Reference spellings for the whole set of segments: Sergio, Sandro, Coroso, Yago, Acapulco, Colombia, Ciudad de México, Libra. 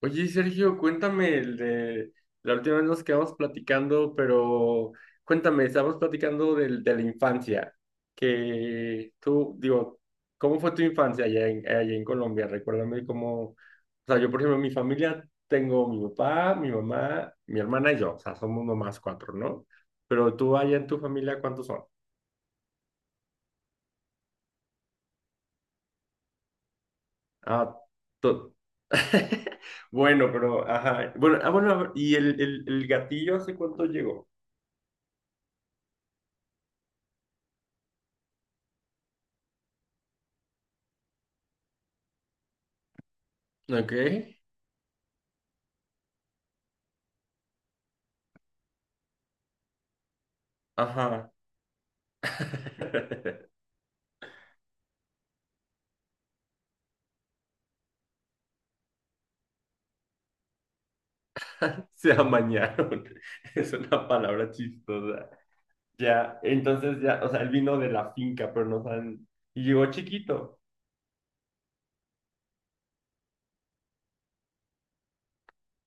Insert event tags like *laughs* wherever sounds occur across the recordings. Oye, Sergio, cuéntame el de la última vez nos quedamos platicando, pero cuéntame, estábamos platicando de la infancia, que tú, digo, ¿cómo fue tu infancia allá en Colombia? Recuérdame cómo, o sea, yo por ejemplo, en mi familia tengo mi papá, mi mamá, mi hermana y yo, o sea, somos nomás cuatro, ¿no? Pero tú allá en tu familia, ¿cuántos son? Ah, tú. *laughs* Bueno, pero, ajá, bueno, bueno, a ver, ¿y el gatillo hace cuánto llegó? Ok. Ajá. *laughs* Se amañaron. *laughs* Es una palabra chistosa. Ya, entonces ya, o sea, él vino de la finca, pero no saben. Y llegó chiquito.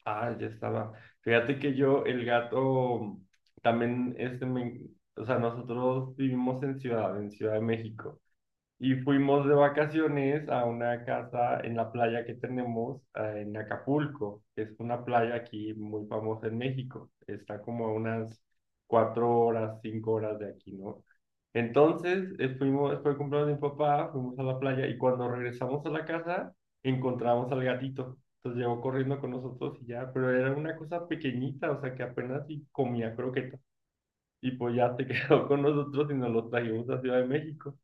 Ah, ya estaba. Fíjate que yo, el gato, también, o sea, nosotros vivimos en Ciudad de México. Y fuimos de vacaciones a una casa en la playa que tenemos en Acapulco, que es una playa aquí muy famosa en México. Está como a unas cuatro horas, cinco horas de aquí, ¿no? Entonces, fue el cumpleaños de mi papá, fuimos a la playa y cuando regresamos a la casa, encontramos al gatito. Entonces llegó corriendo con nosotros y ya, pero era una cosa pequeñita, o sea que apenas y comía croquetas. Y pues ya se *laughs* quedó con nosotros y nos lo trajimos a Ciudad de México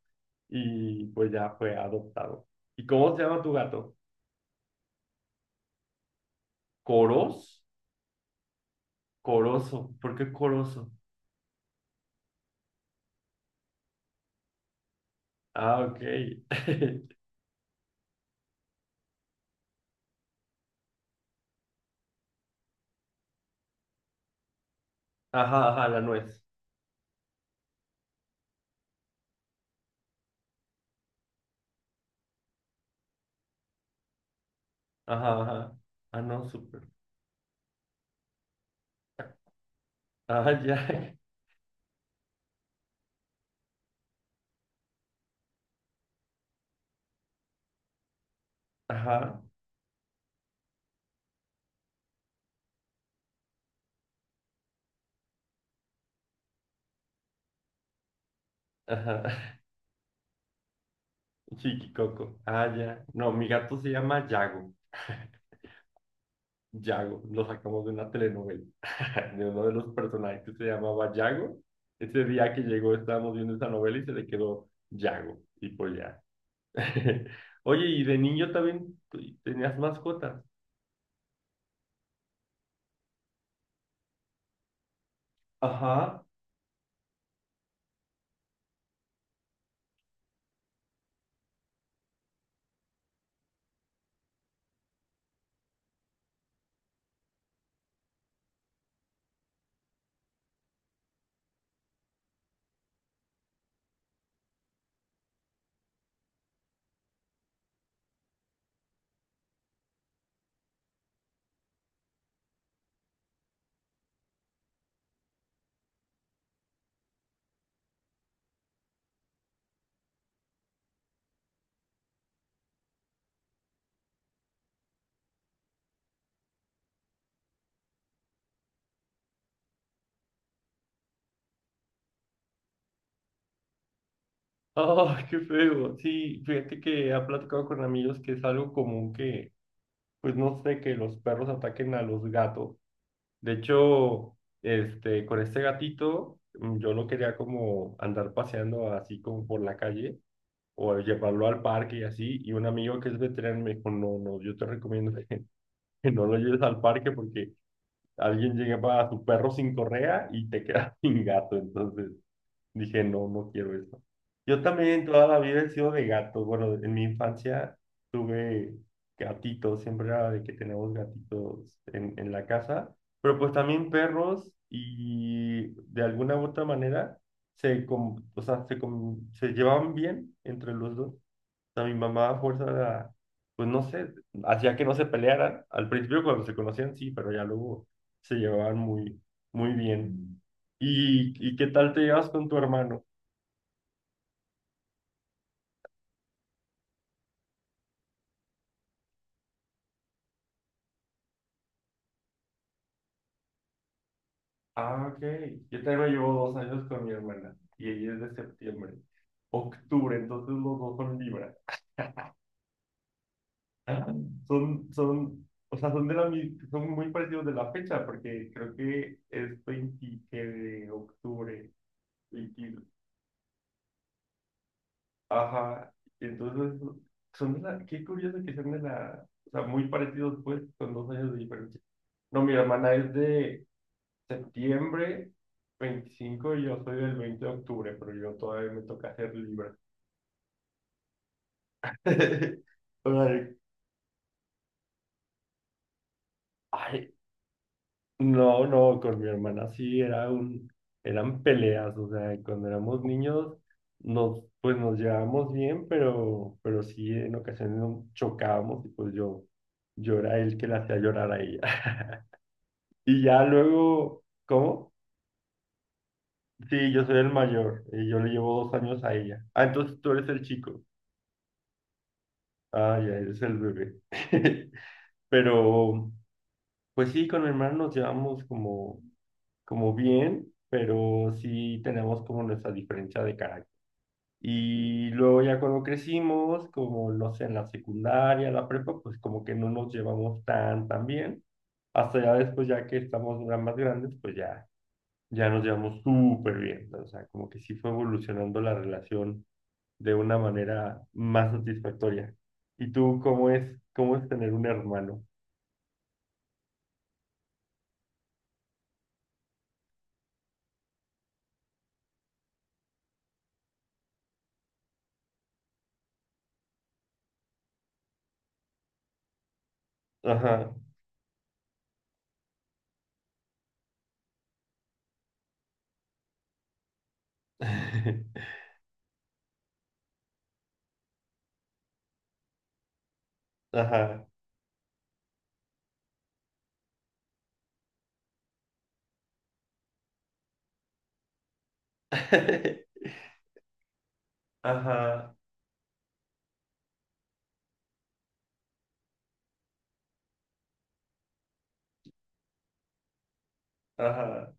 y pues ya fue adoptado. ¿Y cómo se llama tu gato? ¿Coros? Coroso. ¿Por qué coroso? Ah, ok. *laughs* Ajá, ajá, la nuez. Ajá, ajá. Ah, no, súper. Ah, ya. *laughs* Ajá, ajá. Chiquicoco. Ah, ya. No, mi gato se llama Yago. *laughs* Yago, lo sacamos de una telenovela, *laughs* de uno de los personajes que se llamaba Yago. Ese día que llegó estábamos viendo esa novela y se le quedó Yago. Y pues ya. *laughs* Oye, ¿y de niño también tenías mascotas? Ajá, ¡ah, qué feo! Sí, fíjate que ha platicado con amigos que es algo común que, pues no sé, que los perros ataquen a los gatos. De hecho, este, con este gatito, yo lo quería como andar paseando así como por la calle o llevarlo al parque y así. Y un amigo que es veterano me dijo, no, no, yo te recomiendo que, *laughs* que no lo lleves al parque porque alguien llegaba a su perro sin correa y te quedas *laughs* sin gato. Entonces dije, no, no quiero eso. Yo también toda la vida he sido de gato. Bueno, en mi infancia tuve gatitos, siempre era de que tenemos gatitos en la casa, pero pues también perros y de alguna u otra manera o sea, se llevaban bien entre los dos sea, mi mamá a fuerza era, pues no sé, hacía que no se pelearan. Al principio cuando se conocían, sí, pero ya luego se llevaban muy bien. ¿ y qué tal te llevas con tu hermano? Ah, ok. Yo también llevo dos años con mi hermana y ella es de septiembre, octubre, entonces los dos son Libra. Ah, o sea, son de la, son muy parecidos de la fecha, porque creo que es 20 de octubre, veinte ajá, entonces son de la, qué curioso que sean de la, o sea, muy parecidos pues, con dos años de diferencia. No, mi hermana es de septiembre 25 y yo soy del 20 de octubre, pero yo todavía me toca ser libre. *laughs* O sea, ay, no, no, con mi hermana sí era un, eran peleas, o sea, cuando éramos niños nos, pues nos llevábamos bien, pero sí en ocasiones nos chocábamos y yo era el que la hacía llorar a ella. *laughs* Y ya luego, ¿cómo? Sí, yo soy el mayor, y yo le llevo dos años a ella. Ah, entonces tú eres el chico. Ah, ya eres el bebé. *laughs* Pero, pues sí, con mi hermano nos llevamos como bien, pero sí tenemos como nuestra diferencia de carácter. Y luego ya cuando crecimos, como no sé, en la secundaria, la prepa, pues como que no nos llevamos tan bien. Hasta ya después, ya que estamos ya más grandes, ya nos llevamos súper bien. O sea, como que sí fue evolucionando la relación de una manera más satisfactoria. ¿Y tú cómo es tener un hermano? Ajá. *laughs* Ajá. *laughs* Ajá. Ajá.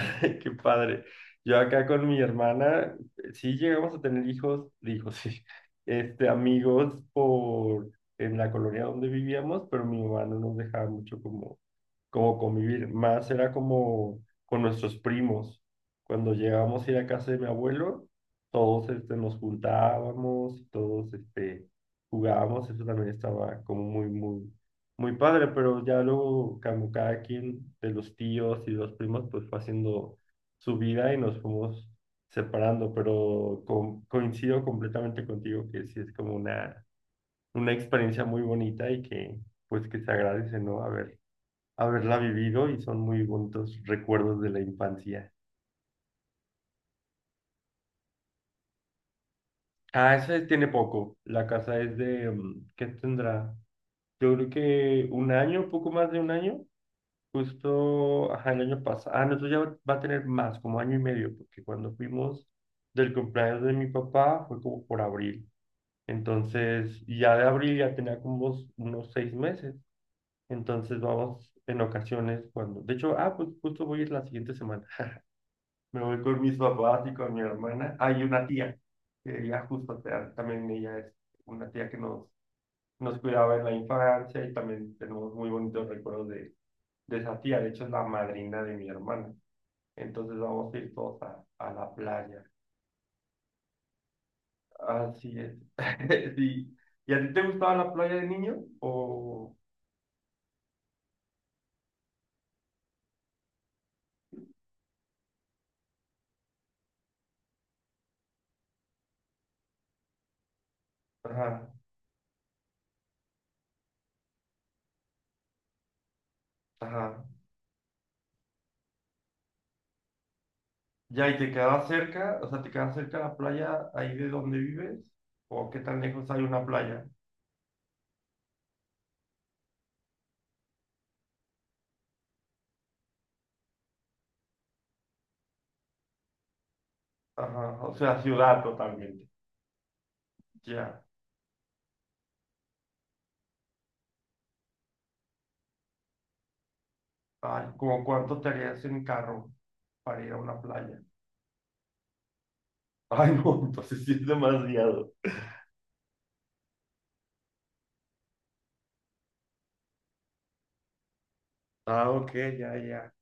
*laughs* Qué padre. Yo acá con mi hermana, sí llegamos a tener hijos, digo, *laughs* sí, este, amigos por en la colonia donde vivíamos, pero mi mamá no nos dejaba mucho como convivir más, era como con nuestros primos. Cuando llegábamos a ir a casa de mi abuelo, todos este, nos juntábamos, todos este, jugábamos, eso también estaba como muy padre, pero ya luego como cada quien de los tíos y los primos pues fue haciendo su vida y nos fuimos separando, pero coincido completamente contigo que sí es como una experiencia muy bonita y que pues que se agradece, ¿no? Haberla vivido y son muy bonitos recuerdos de la infancia. Ah, esa tiene poco. La casa es de, ¿qué tendrá? Yo creo que un año, poco más de un año. Justo, ajá, el año pasado. Ah, no, eso ya va a tener más, como año y medio, porque cuando fuimos del cumpleaños de mi papá fue como por abril. Entonces, y ya de abril ya tenía como unos seis meses. Entonces vamos en ocasiones cuando, de hecho, ah, pues justo voy a ir la siguiente semana. Me voy con mis papás y con mi hermana. Hay una tía, que ella justo o sea, también ella es una tía que nos cuidaba en la infancia y también tenemos muy bonitos recuerdos de esa tía. De hecho, es la madrina de mi hermana. Entonces vamos a ir todos a la playa. Así es. *laughs* Sí. ¿Y a ti te gustaba la playa de niño? O... Ajá, ajá. Ya, ¿y te quedabas cerca? O sea, ¿te quedabas cerca de la playa ahí de donde vives? ¿O qué tan lejos hay una playa? Ajá, o sea, ciudad totalmente. Ya. Ay, ¿cómo cuánto te harías en carro para ir a una playa? Ay, no, *laughs* entonces sí es demasiado. Ah, ok, ya, ya.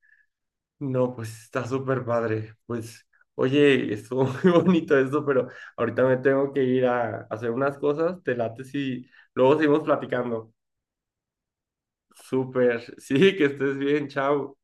No, pues está súper padre. Pues, oye, estuvo *laughs* muy bonito esto, pero ahorita me tengo que ir a hacer unas cosas. Te late si luego seguimos platicando. Súper. *laughs* Sí, que estés bien. Chao.